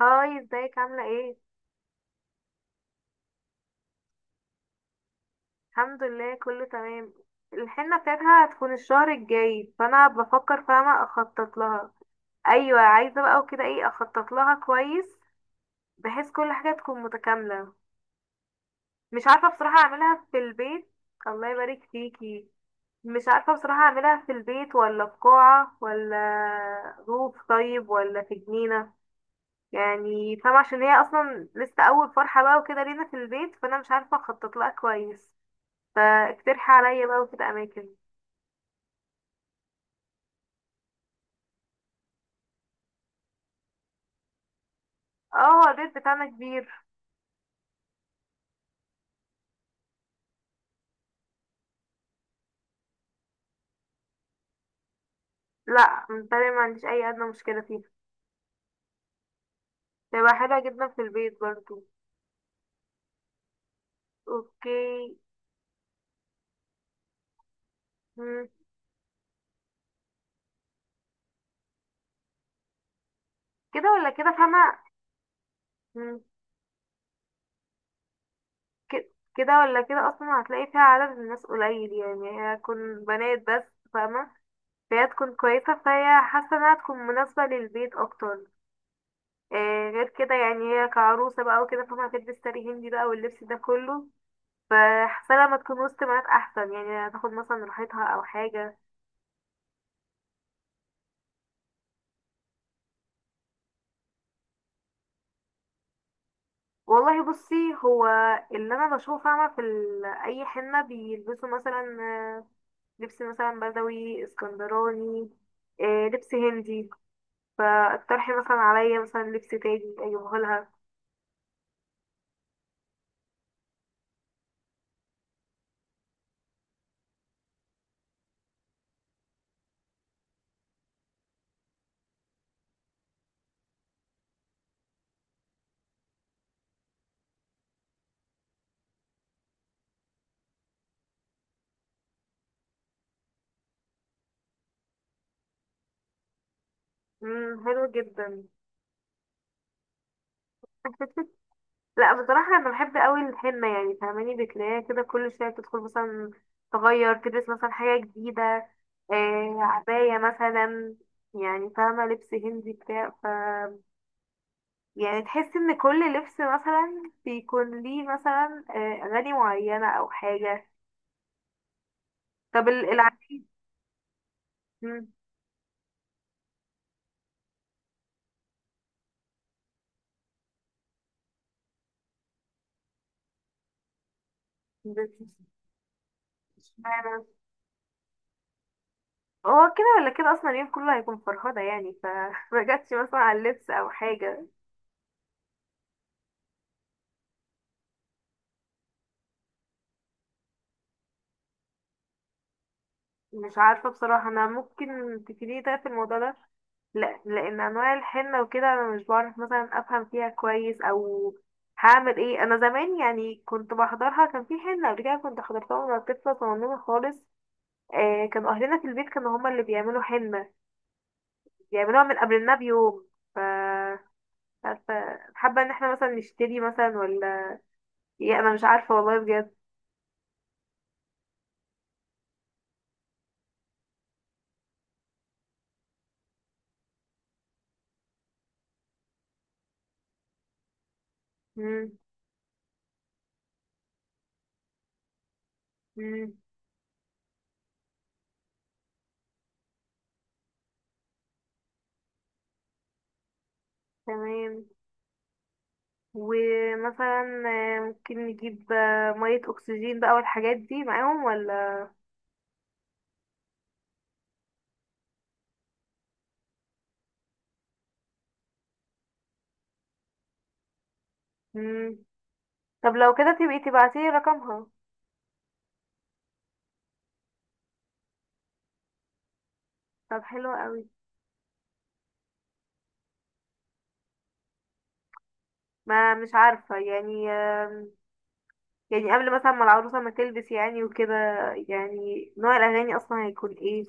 هاي، ازيك عاملة ايه؟ الحمد لله، كله تمام. الحنة بتاعتها هتكون الشهر الجاي، فانا بفكر فاهمة اخطط لها. ايوه، عايزة بقى وكده ايه اخطط لها كويس، بحيث كل حاجة تكون متكاملة. مش عارفة بصراحة اعملها في البيت. الله يبارك فيكي. مش عارفة بصراحة اعملها في البيت، ولا في قاعة، ولا روف طيب، ولا في جنينة. يعني فاهمة، عشان هي اصلا لسه اول فرحة بقى وكده لينا في البيت، فانا مش عارفة اخطط لها كويس. فاقترحي عليا بقى وكده اماكن. اه، هو البيت بتاعنا كبير. لا، متهيألي ما عنديش اي ادنى مشكله فيه. تبقى حلوه جدا في البيت برضو. اوكي. مم. كده ولا كده، فاهمه. مم. ك- كده ولا كده اصلا هتلاقي فيها عدد الناس قليل، يعني هي هتكون بنات بس، فاهمه. فهي تكون كويسه، فهي حاسه انها تكون مناسبه للبيت اكتر. آه، غير كده يعني هي كعروسه بقى وكده، فاهمه، هتلبس ساري هندي بقى واللبس ده كله. فاحسن لما تكون وسط بنات احسن، يعني هتاخد مثلا راحتها او حاجه. والله بصي. هو اللي انا بشوفه، فاهمه، في اي حنه بيلبسوا مثلا لبس مثلا بدوي اسكندراني، لبس هندي. فاقترحي مثلا عليا مثلا لبس تاني اجيبه لها. مم، حلو جدا. لا، بصراحة أنا بحب أوي الحنة، يعني فاهماني بتلاقيها كده كل شوية بتدخل مثلا تغير تلبس مثلا حاجة جديدة، آه عباية مثلا. يعني فاهمة، لبس هندي بتاع يعني تحس إن كل لبس مثلا بيكون ليه مثلا أغاني معينة أو حاجة. طب العفيف. مم. بس- اشمعنى؟ هو كده ولا كده أصلا اليوم كله هيكون فرهدة، يعني فمجتش مثلا على اللبس أو حاجة. مش عارفة بصراحة، أنا ممكن تفيديني طيب في الموضوع ده. لا، لأن أنواع الحنة وكده أنا مش بعرف مثلا أفهم فيها كويس أو هعمل ايه. أنا زمان يعني كنت بحضرها، كان في حنة قبل كده كنت حضرتها وأنا طفلة صغنونة خالص. آه، كان أهلنا في البيت كانوا هما اللي بيعملوا حنة، بيعملوها من قبلنا بيوم. ف مش عارفة، حابة إن احنا مثلا نشتري مثلا ولا ايه. أنا مش عارفة والله بجد. مم. مم. تمام. ومثلا ممكن نجيب مية أكسجين بقى والحاجات دي معاهم ولا. مم. طب لو كده، تبقي تبعتيلي رقمها. طب حلو قوي. ما مش عارفة يعني يعني قبل مثلا ما العروسة ما تلبس يعني وكده، يعني نوع الأغاني أصلا هيكون ايه.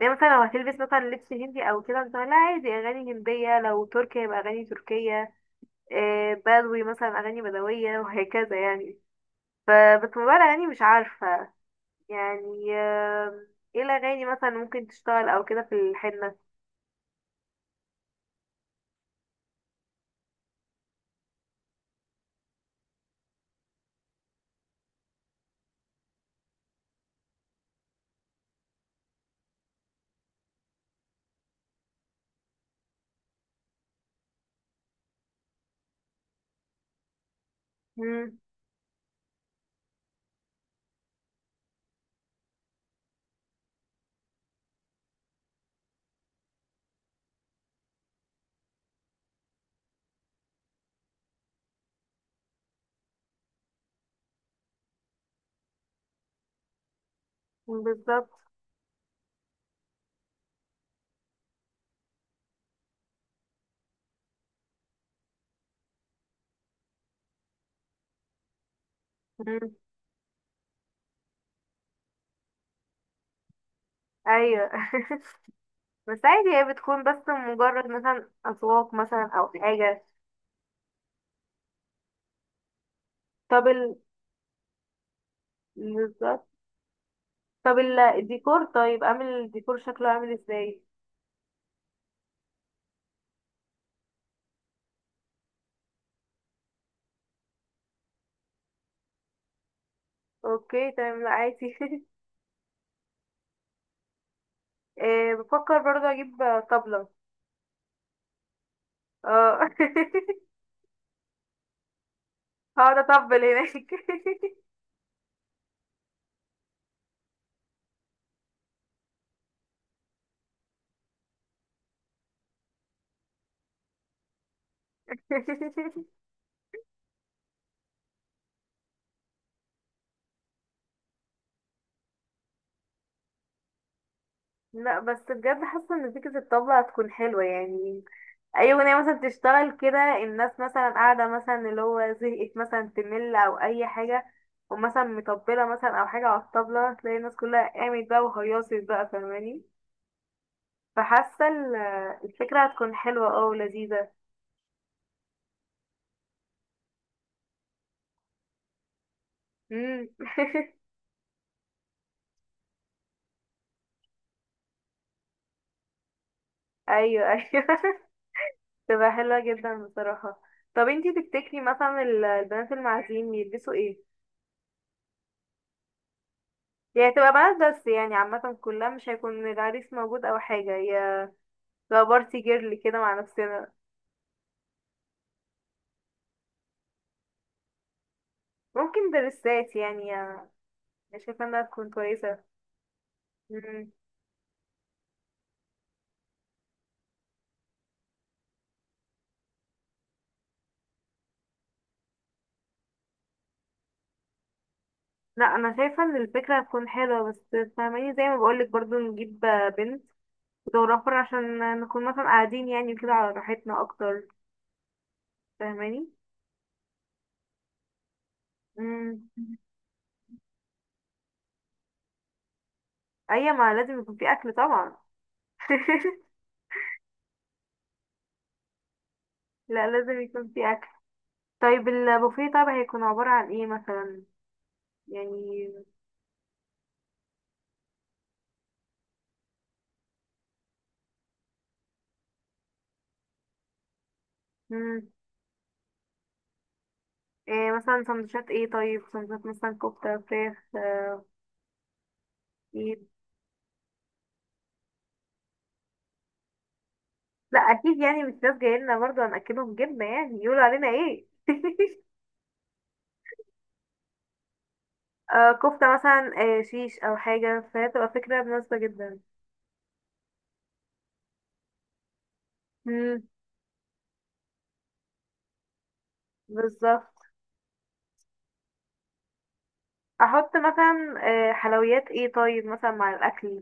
يعني مثلا لو هتلبس مثلا لبس هندي أو كده مثلا، لا عادي أغاني هندية، لو تركي يبقى أغاني تركية، بدوي مثلا أغاني بدوية وهكذا يعني. فبس موضوع الأغاني مش عارفة يعني ايه الاغاني مثلا ممكن تشتغل او كده في الحنه. مم، بالظبط. مم، ايوه. بس عادي، هي بتكون بس مجرد مثلا اذواق مثلا او حاجه. طب بالظبط. طب الديكور. طيب عامل الديكور شكله عامل ازاي؟ اوكي تمام، لا عادي. إيه، بفكر برضه اجيب طبلة. اه. هقعد اطبل هناك. لا بس بجد حاسه ان فكره الطبلة هتكون حلوه، يعني اي اغنيه مثلا تشتغل كده، الناس مثلا قاعده مثلا، اللي هو زهقت مثلا تمل او اي حاجه، ومثلا مطبله مثلا او حاجه على الطبله، تلاقي الناس كلها قامت بقى وهيصت بقى، فاهماني. فحاسه الفكره هتكون حلوه ولذيذه. امم. ايوه ايوه. تبقى حلوه جدا بصراحه. طب انتي تفتكري مثلا البنات المعازيم يلبسوا ايه؟ يعني تبقى بنات بس يعني عامه كلها، مش هيكون العريس موجود او حاجه، هي تبقى بارتي جيرل كده مع نفسنا. ممكن درسات، يعني انا شايفه انها تكون كويسه. مم. لا، انا شايفه ان الفكره هتكون حلوه، بس فاهماني زي ما بقولك برضو نجيب بنت فوتوغرافر، عشان نكون مثلا قاعدين يعني كده على راحتنا اكتر، فاهماني. مم. ايوه، ما لازم يكون في اكل طبعا. لا، لازم يكون في اكل. طيب البوفيه طبعا هيكون عباره عن ايه مثلا، يعني. مم. إيه مثلا سندوتشات ايه طيب، سندوتشات مثلا كفته فراخ ايه. لا اكيد، يعني مش ناس جايه لنا برضه هناكلهم جبنه، يعني يقولوا علينا ايه. آه كفته مثلا، آه شيش او حاجه، فهي تبقى فكره مناسبه جدا. امم. بالظبط. احط مثلا حلويات ايه طيب مثلا مع الاكل.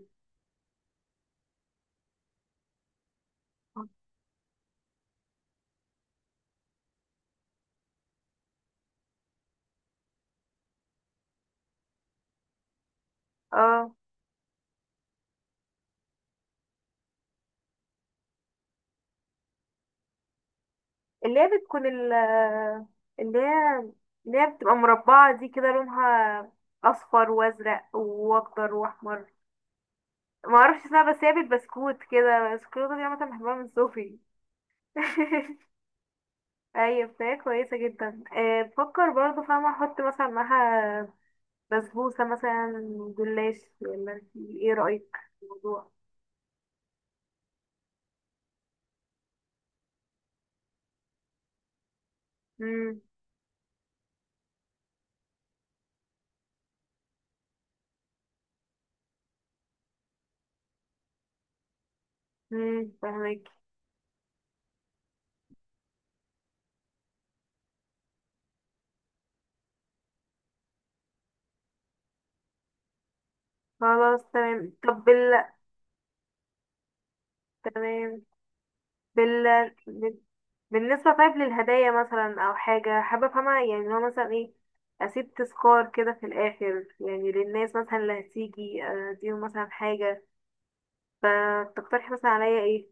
اه، اللي هي بتكون اللي هي اللي هي بتبقى مربعه دي كده، لونها اصفر وازرق واخضر واحمر. ما اعرفش اسمها، بس هي بالبسكوت كده الشوكولاته دي عامه، بحبها من صوفي. ايوه بتاعي كويسه جدا، بفكر برضه فاهمه احط مثلا معاها بسبوسه مثلا، جلاش. ولا انتي ايه رايك في الموضوع؟ امم. فاهمك. خلاص تمام. طب تمام. بال بال- بالنسبه طيب للهدايا مثلا او حاجه، حابه افهمها يعني اللي هو مثلا ايه اسيب تذكار كده في الاخر يعني للناس مثلا اللي هتيجي، اديهم مثلا حاجه. فتقترحي مثلا عليا ايه؟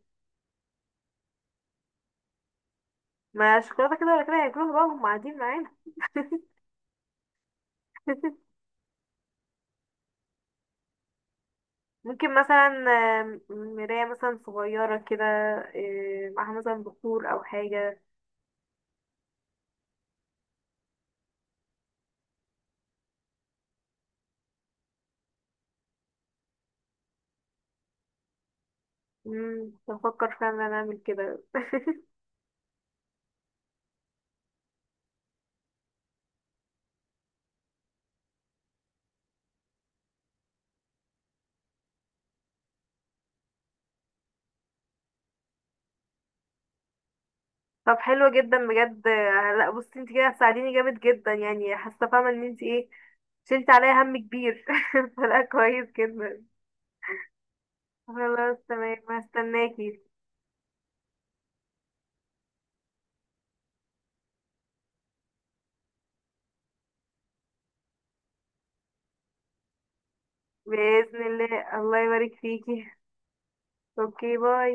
ما شوكولاته كده ولا كده هياكلوها بقى، هم قاعدين معانا. ممكن مثلا مراية مثلا صغيرة كده، معاها مثلا بخور أو حاجة. بفكر فعلا إن أنا أعمل كده. طب حلو جدا بجد، لا بصي انت كده هتساعديني جامد جدا، يعني حاسة فاهمة ان انت ايه شلت عليا هم كبير. فلا كويس جدا. خلاص تمام، هستناكي. بإذن الله. الله يبارك فيكي. اوكي، باي.